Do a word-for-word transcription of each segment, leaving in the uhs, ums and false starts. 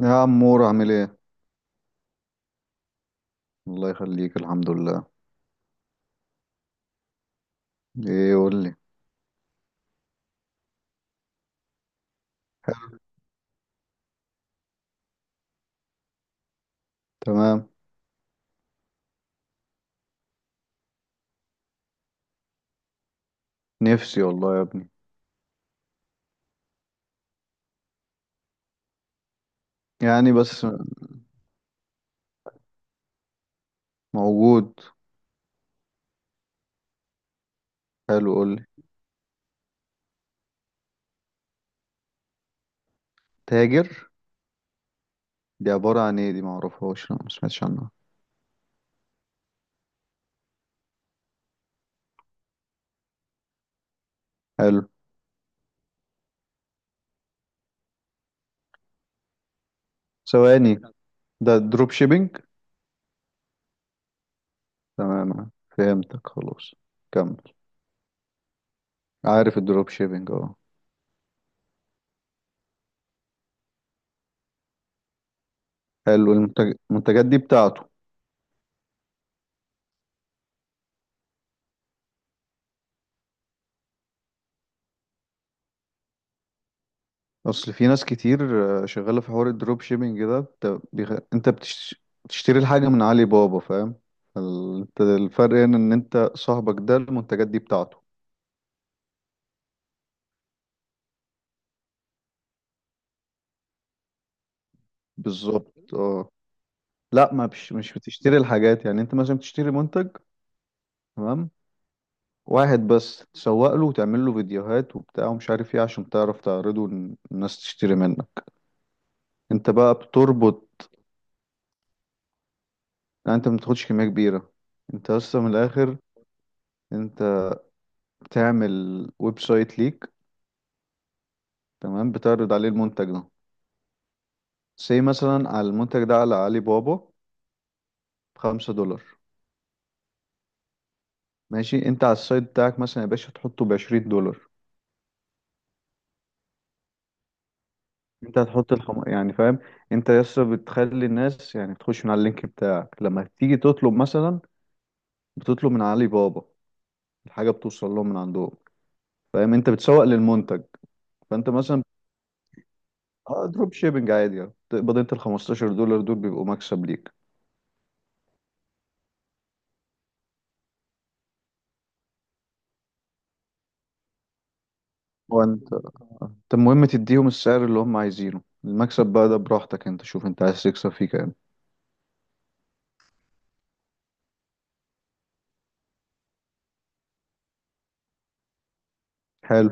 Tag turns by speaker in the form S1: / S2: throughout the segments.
S1: يا عمور، عامل ايه؟ الله يخليك، الحمد لله. ايه، قول لي. تمام. نفسي والله يا ابني. يعني بس. موجود. حلو، قول لي. تاجر. دي عبارة عن ايه؟ دي معرفهاش، لا، ما سمعتش عنها. حلو. ثواني. ده دروب شيبينج. تمام، فهمتك، خلاص كمل. عارف الدروب شيبينج، اه. حلو. المنتج... المنتجات دي بتاعته. اصل في ناس كتير. آه، شغاله في حوار الدروب شيبينج ده. بت- بيخ... انت بتش... بتشتري الحاجه من علي بابا، فاهم؟ ال- انت الفرق هنا ان انت صاحبك ده المنتجات دي بتاعته. بالظبط، اه. لا، ما بش... مش بتشتري الحاجات، يعني انت مثلا بتشتري منتج. تمام. واحد بس تسوق له وتعمل له فيديوهات وبتاع ومش عارف ايه، عشان تعرف تعرضه إن الناس تشتري منك. انت بقى بتربط. يعني انت ما بتاخدش كميه كبيره. انت اصلا من الاخر. انت بتعمل ويب سايت ليك. تمام، بتعرض عليه المنتج ده. سي مثلا على المنتج ده على علي بابا بخمسة دولار. ماشي، انت على السايت بتاعك مثلا يا باشا تحطه بعشرين دولار. انت هتحط الخم... يعني فاهم. انت لسه بتخلي الناس يعني تخش من على اللينك بتاعك، لما تيجي تطلب مثلا بتطلب من علي بابا، الحاجة بتوصل لهم من عندهم. فاهم؟ انت بتسوق للمنتج. فانت مثلا. اه، دروب شيبنج عادي، يعني تقبض انت ال خمسة عشر دولار دول بيبقوا مكسب ليك. وانت انت المهم تديهم السعر اللي هم عايزينه، المكسب بقى ده براحتك، انت شوف انت عايز تكسب فيه كام. حلو.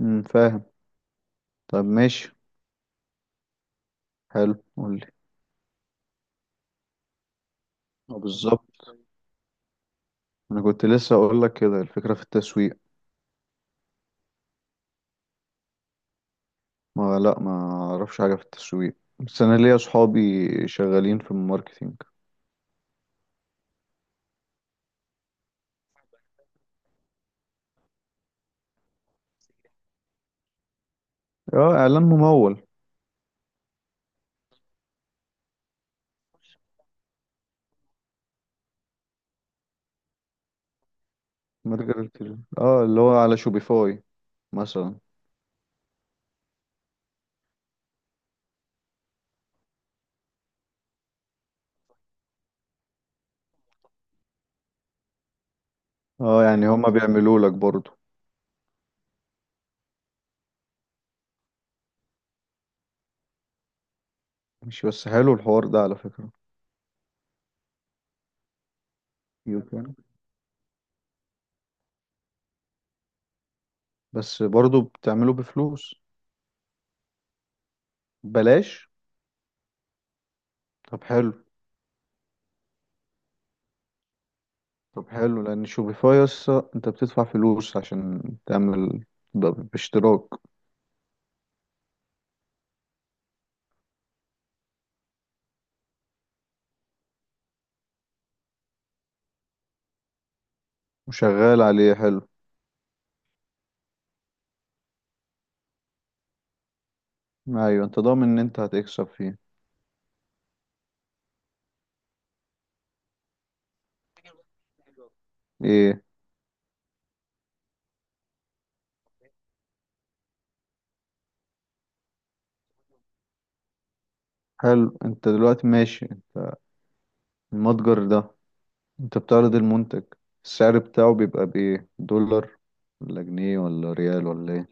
S1: امم فاهم. طب ماشي. حلو، قولي. اه بالظبط. انا كنت لسه اقول لك كده، الفكرة في التسويق. ما لا ما اعرفش حاجة في التسويق، بس انا ليا اصحابي شغالين في الماركتينج. اه، اعلان ممول. متجر التليفون، اه، اللي هو على شوبيفاي مثلا. اه، يعني هما بيعملوا لك برضه. مش بس، حلو الحوار ده على فكرة. يمكن. بس برضه بتعمله بفلوس؟ بلاش. طب حلو. طب حلو، لان شوبيفاي يسا انت بتدفع فلوس عشان تعمل، ده باشتراك. وشغال عليه، حلو. ايوه، انت ضامن ان انت هتكسب فيه. ايه؟ حلو. انت دلوقتي ماشي المتجر ده، انت بتعرض المنتج، السعر بتاعه بيبقى بايه؟ دولار ولا جنيه ولا ريال ولا ايه؟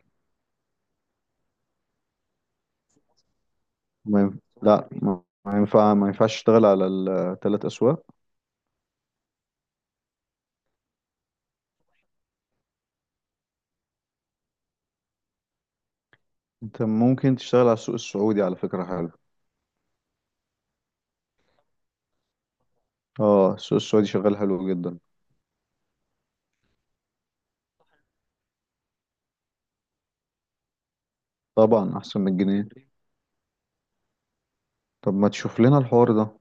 S1: ما ينف... لا، ما ما ينفع ما ينفعش تشتغل على الثلاث اسواق. انت ممكن تشتغل على السوق السعودي، على فكرة، حلو. اه، السوق السعودي شغال حلو جدا. طبعا احسن من الجنيه. طب ما تشوف لنا الحوار ده.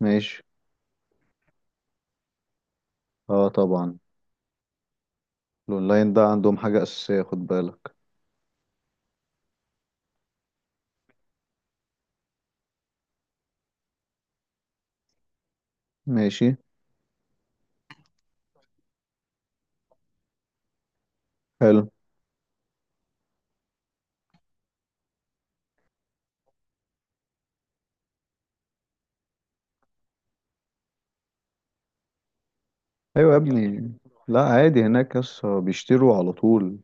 S1: ماشي. اه طبعا، الاونلاين ده عندهم حاجة أساسية، خد بالك. ماشي. حلو. ايوه يا ابني. لا، عادي، هناك يس بيشتروا على طول.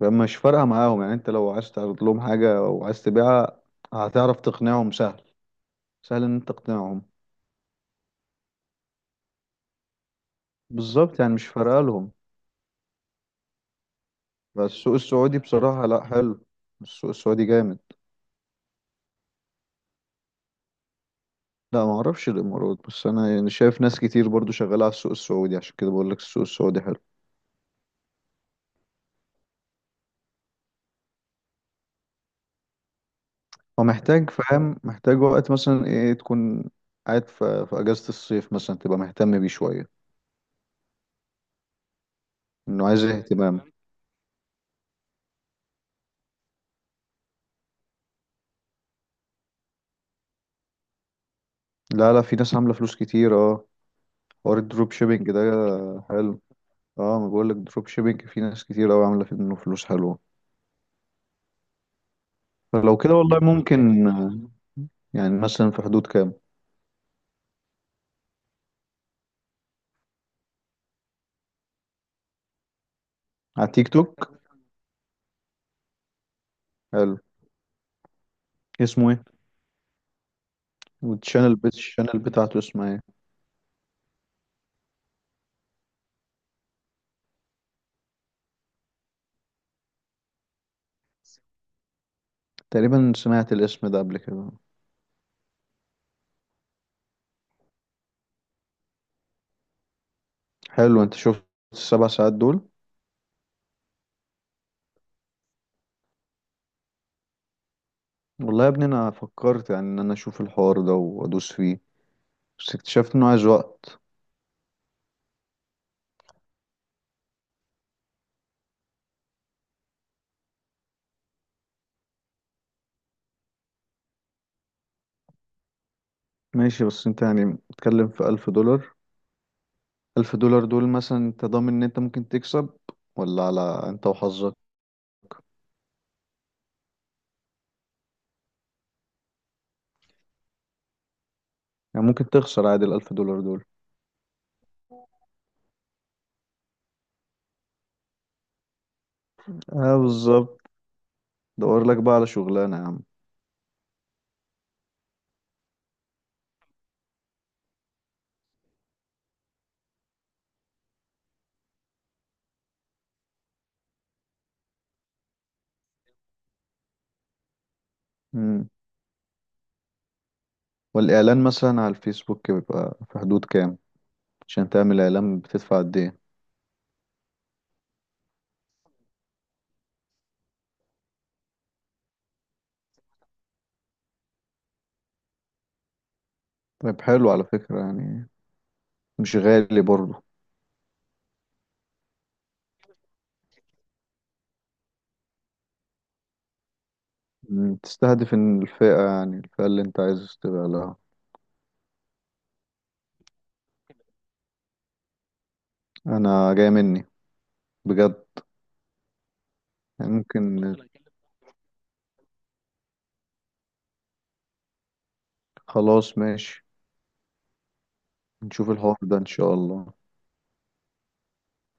S1: فما مش فارقة معاهم، يعني انت لو عايز تعرض لهم حاجة او عايز تبيعها هتعرف تقنعهم سهل. سهل ان انت تقنعهم. بالظبط، يعني مش فارقة لهم. بس السوق السعودي بصراحة، لا، حلو. السوق السعودي جامد. لا، ما اعرفش الامارات، بس انا يعني شايف ناس كتير برضو شغالة على السوق السعودي، عشان كده بقول لك السوق السعودي حلو. هو محتاج، فاهم، محتاج وقت مثلا، ايه، تكون قاعد في, في اجازة الصيف مثلا، تبقى مهتم بيه شوية. انه عايز اهتمام. لا لا، في ناس عاملة فلوس كتير، اه. حوار الدروب شيبينج ده. حلو. اه، ما بقول لك، دروب شيبينج في ناس كتير قوي عاملة منه فلوس حلوة. فلو كده والله ممكن آه، يعني مثلا في حدود كام؟ على تيك توك؟ حلو. اسمه ايه؟ والشانل بت الشانل بتاعته اسمها ايه؟ تقريبا سمعت الاسم ده قبل كده. حلو، انت شفت السبع ساعات دول؟ والله يا ابني انا فكرت، يعني ان انا اشوف الحوار ده وادوس فيه، بس اكتشفت انه عايز وقت. ماشي، بس انت يعني بتتكلم في الف دولار. الف دولار دول مثلا انت ضامن ان انت ممكن تكسب، ولا على، انت وحظك؟ يعني ممكن تخسر عادي الالف دولار دول. اه بالظبط. دور لك بقى على شغلانة يا عم. مم. والاعلان مثلا على الفيسبوك بيبقى في حدود كام؟ عشان تعمل اعلان بتدفع قد ايه؟ طيب، حلو على فكرة، يعني مش غالي برضه. مم. تستهدف إن الفئة يعني الفئة اللي انت عايز تبقى لها. انا جاي مني، بجد. يعني خلاص، ممكن عليا. خلاص، ماشي. نشوف الحوار ده ان شاء الله.